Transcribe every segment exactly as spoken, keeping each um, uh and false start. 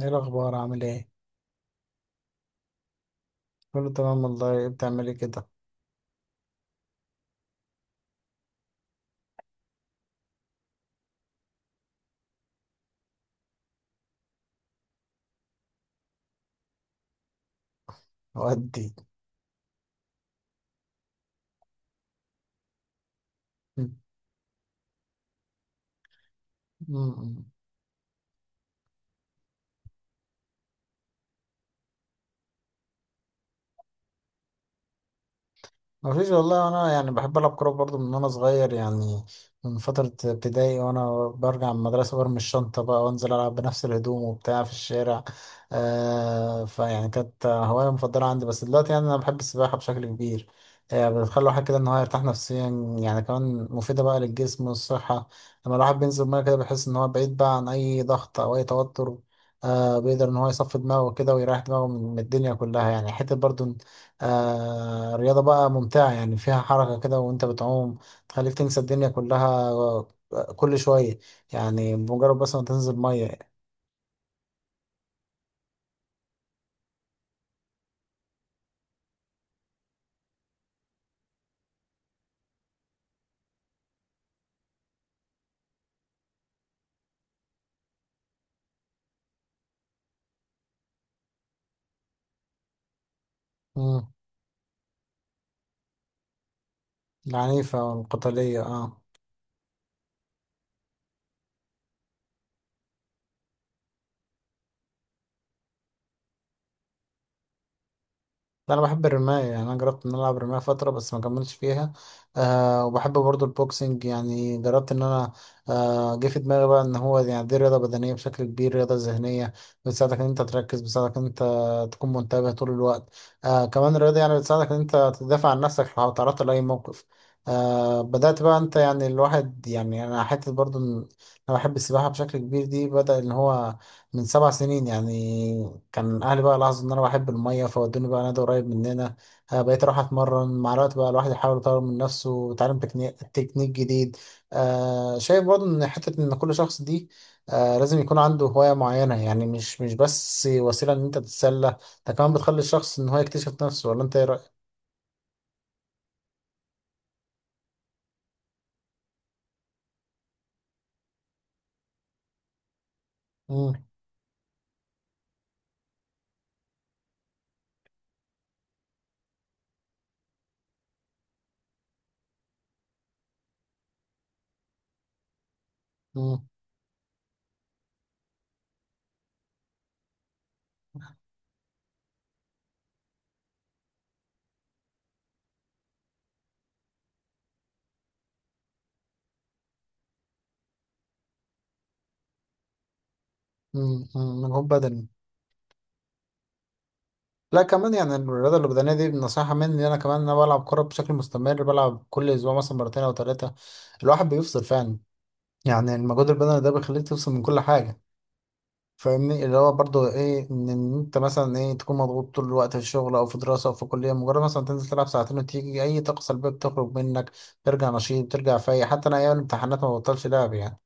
ايه الاخبار؟ عامل ايه؟ كله تمام والله. إيه بتعملي كده؟ ودي. مم. مم. مفيش والله. انا يعني بحب العب كوره برضو من وانا صغير، يعني من فتره ابتدائي وانا برجع من المدرسه برمي الشنطه بقى وانزل العب بنفس الهدوم وبتاع في الشارع. آه فيعني كانت هوايه مفضله عندي، بس دلوقتي يعني انا بحب السباحه بشكل كبير. آه بتخلي الواحد كده ان هو يرتاح نفسيا، يعني كمان مفيده بقى للجسم والصحه. لما الواحد بينزل ميه كده بيحس ان هو بعيد بقى عن اي ضغط او اي توتر. آه بيقدر ان هو يصفي دماغه كده ويريح دماغه من من الدنيا كلها، يعني حته برضو. آه رياضة بقى ممتعة، يعني فيها حركة كده وانت بتعوم، تخليك تنسى الدنيا كلها. آه، كل شوية يعني، بمجرد بس ما تنزل مية. مم، العنيفة والقتالية، اه. لا، انا بحب الرماية، يعني انا جربت ان انا العب رماية فترة بس ما كملتش فيها. أه وبحب برضو البوكسنج، يعني جربت ان انا. أه جه في دماغي بقى ان هو يعني دي رياضة بدنية بشكل كبير، رياضة ذهنية بتساعدك ان انت تركز، بتساعدك ان انت تكون منتبه طول الوقت. أه كمان الرياضة يعني بتساعدك ان انت تدافع عن نفسك لو تعرضت لأي موقف. أه بدأت بقى انت، يعني الواحد، يعني انا حتة برضو إن انا بحب السباحة بشكل كبير. دي بدأ ان هو من سبع سنين يعني. كان أهلي بقى لاحظوا إن أنا بحب المية فودوني بقى نادي قريب مننا. آه، بقيت أروح أتمرن مع الوقت. بقى الواحد يحاول يطور من نفسه ويتعلم تكنيك تكنيك جديد. آه شايف برضه إن حتة إن كل شخص دي آه لازم يكون عنده هواية معينة، يعني مش مش بس وسيلة إن أنت تتسلى، ده كمان بتخلي الشخص إن هو يكتشف نفسه. ولا أنت إيه رأيك؟ مم، مم، مم، مم، مجهود بدني. لا، كمان يعني الرياضة البدنية دي نصيحة مني. أنا كمان أنا بلعب كورة بشكل مستمر، بلعب كل أسبوع مثلا مرتين أو ثلاثة. الواحد بيفصل فعلا. يعني المجهود البدني ده بيخليك تفصل من كل حاجة، فاهمني، اللي هو برضو إيه، إن إن أنت مثلا إيه تكون مضغوط طول الوقت في الشغل أو في دراسة أو في كلية، مجرد مثلا تنزل تلعب ساعتين وتيجي أي طاقة سلبية بتخرج منك، ترجع نشيط، ترجع فايق. حتى أنا أيام الامتحانات ما ببطلش لعب يعني.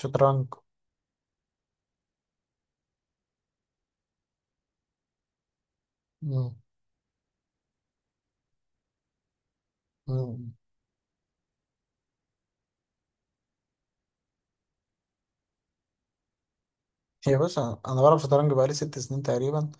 شطرنج. مم. مم. يا باشا، انا بلعب شطرنج بقالي ست سنين تقريبا،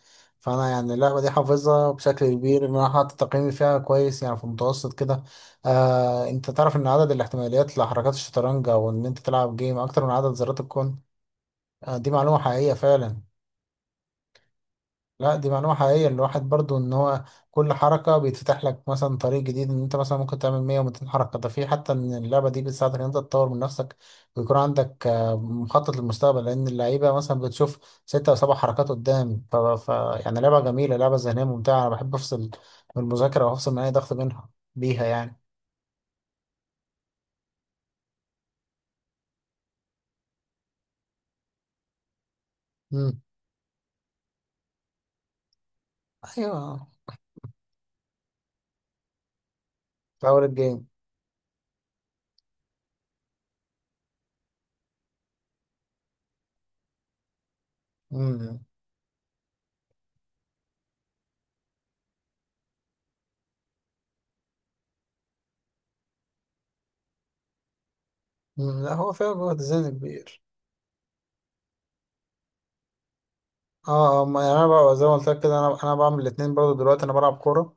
فانا يعني اللعبه دي حافظها بشكل كبير، ان انا حاطط تقييمي فيها كويس يعني، في المتوسط كده. آه انت تعرف ان عدد الاحتماليات لحركات الشطرنج او ان انت تلعب جيم اكتر من عدد ذرات الكون. آه دي معلومه حقيقيه فعلا. لا، دي معلومة حقيقية. الواحد برضو ان هو كل حركة بيتفتح لك مثلا طريق جديد، ان انت مثلا ممكن تعمل مية و200 حركة. ده في حتى ان اللعبة دي بتساعدك ان انت تطور من نفسك، ويكون عندك آه، مخطط للمستقبل، لان اللعيبة مثلا بتشوف ستة او سبع حركات قدام. ف... ف... يعني لعبة جميلة، لعبة ذهنية ممتعة. انا بحب افصل من المذاكرة وافصل من اي ضغط منها بيها يعني. امم. ايوه. في اول الجيم. امم. أمم، لا، هو فعلا بيبقى تزيين كبير. اه. آه، ما يعني انا بقى زي ما قلت لك كده، انا انا بعمل الاثنين برضو دلوقتي. انا بلعب كورة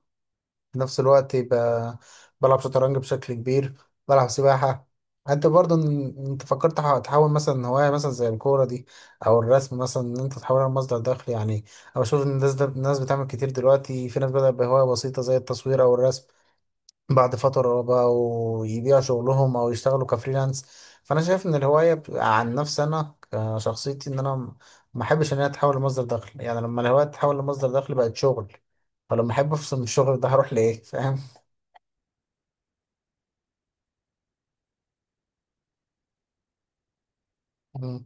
في نفس الوقت، يبقى بلعب شطرنج بشكل كبير، بلعب سباحة. انت برضه ان- انت فكرت تح- تحول مثلا هواية مثلا زي الكورة دي او الرسم مثلا، ان انت تحولها لمصدر دخل يعني. او اشوف إن الناس، ده الناس بتعمل كتير دلوقتي، في ناس بدأت بهواية بسيطة زي التصوير او الرسم، بعد فترة بقوا يبيعوا شغلهم او يشتغلوا كفريلانس. فانا شايف ان الهواية ب- عن نفسي انا، كشخصيتي، ان انا م- ما احبش ان هي تتحول لمصدر دخل. يعني لما الهواية تتحول لمصدر دخل بقت شغل، فلما احب افصل من الشغل ده هروح لايه، فاهم؟ مم.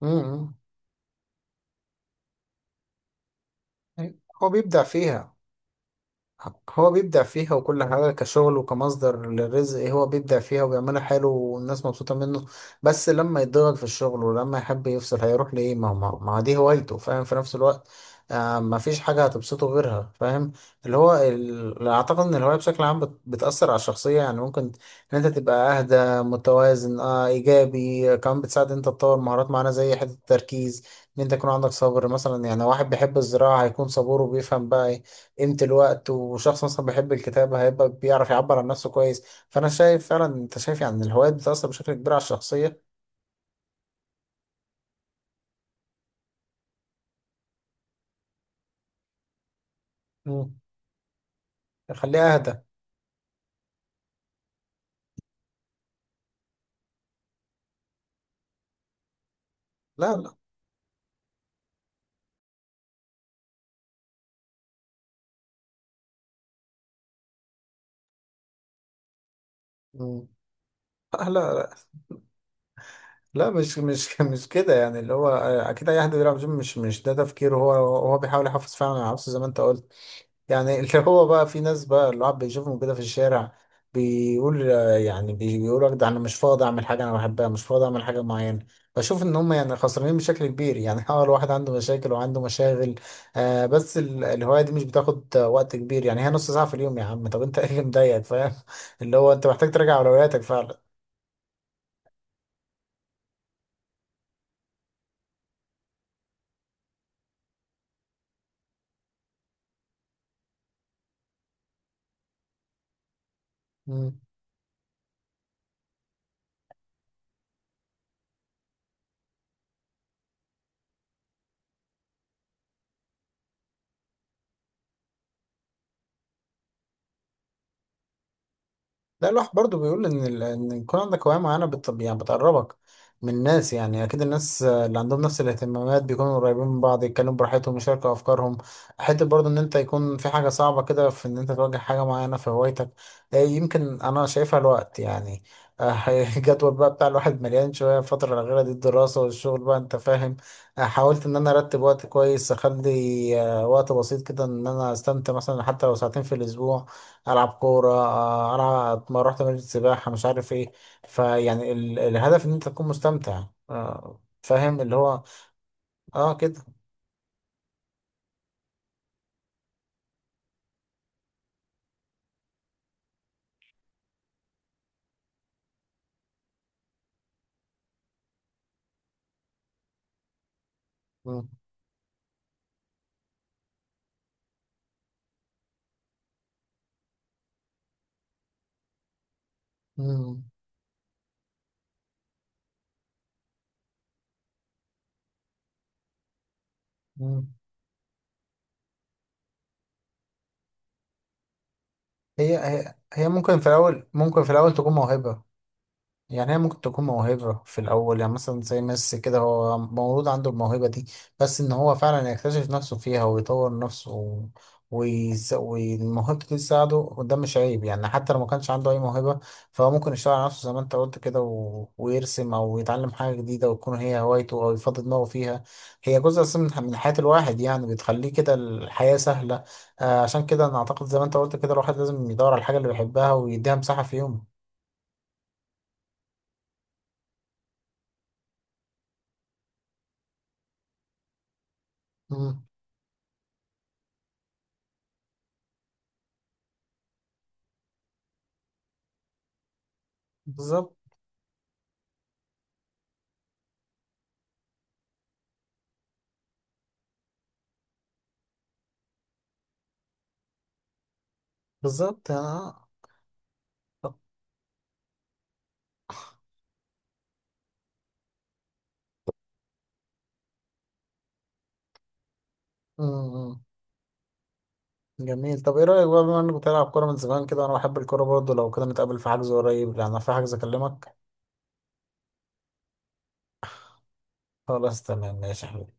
مم. هو بيبدع فيها. هو بيبدع فيها وكل حاجة كشغل وكمصدر للرزق، إيه، هو بيبدع فيها وبيعملها حلو والناس مبسوطة منه، بس لما يتضغط في الشغل ولما يحب يفصل هيروح لإيه؟ ما ما ما دي هوايته، فاهم، في نفس الوقت. آه ما فيش حاجة هتبسطه غيرها، فاهم. اللي هو ال... أعتقد إن الهواية بشكل عام بت... بتأثر على الشخصية، يعني ممكن إن أنت تبقى أهدى، متوازن، آه إيجابي. كمان بتساعد إن أنت تطور مهارات معينة زي حتة التركيز، إن أنت يكون عندك صبر مثلا. يعني واحد بيحب الزراعة هيكون صبور وبيفهم بقى إيه قيمة الوقت، وشخص مثلا بيحب الكتابة هيبقى بيعرف يعبر عن نفسه كويس. فأنا شايف فعلا. أنت شايف يعني الهوايات بتأثر بشكل كبير على الشخصية؟ مم. يخليها أهدى. لا، لا. مم. لا، لا، لا، مش مش مش كده. يعني اللي هو أكيد أي حد بيلعب جيم مش مش ده تفكيره. هو هو بيحاول يحافظ فعلا على نفسه زي ما أنت قلت. يعني اللي هو بقى في ناس بقى اللي الواحد بيشوفهم كده في الشارع بيقول، يعني بيقول لك ده انا مش فاضي اعمل حاجه انا بحبها، مش فاضي اعمل حاجه معينه. بشوف ان هم يعني خسرانين بشكل كبير يعني. اه، الواحد عنده مشاكل وعنده مشاغل، آه بس ال- الهوايه دي مش بتاخد وقت كبير، يعني هي نص ساعه في اليوم، يا عم، طب انت ايه اللي مضايقك، فاهم؟ اللي هو انت محتاج تراجع اولوياتك فعلا. ده اللوح برضو بيقول ان ال- ان يكون عندك هوايه معينه بت... يعني بتقربك من الناس. يعني اكيد الناس اللي عندهم نفس الاهتمامات بيكونوا قريبين من بعض، يتكلموا براحتهم، يشاركوا افكارهم، حته برضو ان انت يكون في حاجه صعبه كده في ان انت تواجه حاجه معينه في هوايتك. آه، يمكن انا شايفها الوقت يعني. آه، الجدول بقى بتاع الواحد مليان شويه الفتره الاخيره دي، الدراسه والشغل بقى، انت فاهم. آه، حاولت ان انا ارتب وقت كويس، اخلي آه، وقت بسيط كده ان انا استمتع مثلا، حتى لو ساعتين في الاسبوع العب كوره، آه، العب، ما رحت نادي السباحه، مش عارف ايه. فيعني ال- الهدف ان انت تكون مستمتع، آه، فاهم اللي هو، اه، كده. مم. مم. مم. هي هي هي ممكن في الاول، ممكن في الاول تكون موهبه. يعني هي ممكن تكون موهبة في الأول، يعني مثلا زي ميسي كده هو مولود عنده الموهبة دي، بس إن هو فعلا يكتشف نفسه فيها ويطور نفسه و- ويس- والموهبة دي تساعده. وده مش عيب، يعني حتى لو ما كانش عنده أي موهبة، فهو ممكن يشتغل على نفسه زي ما أنت قلت كده و... ويرسم أو يتعلم حاجة جديدة وتكون هي هوايته أو يفضي دماغه فيها. هي جزء أساسي من من حياة الواحد، يعني بتخليه كده الحياة سهلة. آه عشان كده أنا أعتقد زي ما أنت قلت كده الواحد لازم يدور على الحاجة اللي بيحبها ويديها مساحة في يومه. مم. بالظبط، بالظبط، اه طب، مم. جميل. طب ايه رأيك بقى، بما انك بتلعب كورة من زمان كده وانا بحب الكورة برضه، لو كده نتقابل في حجز قريب، لان أنا في حجز. اكلمك. خلاص، تمام، ماشي يا حبيبي.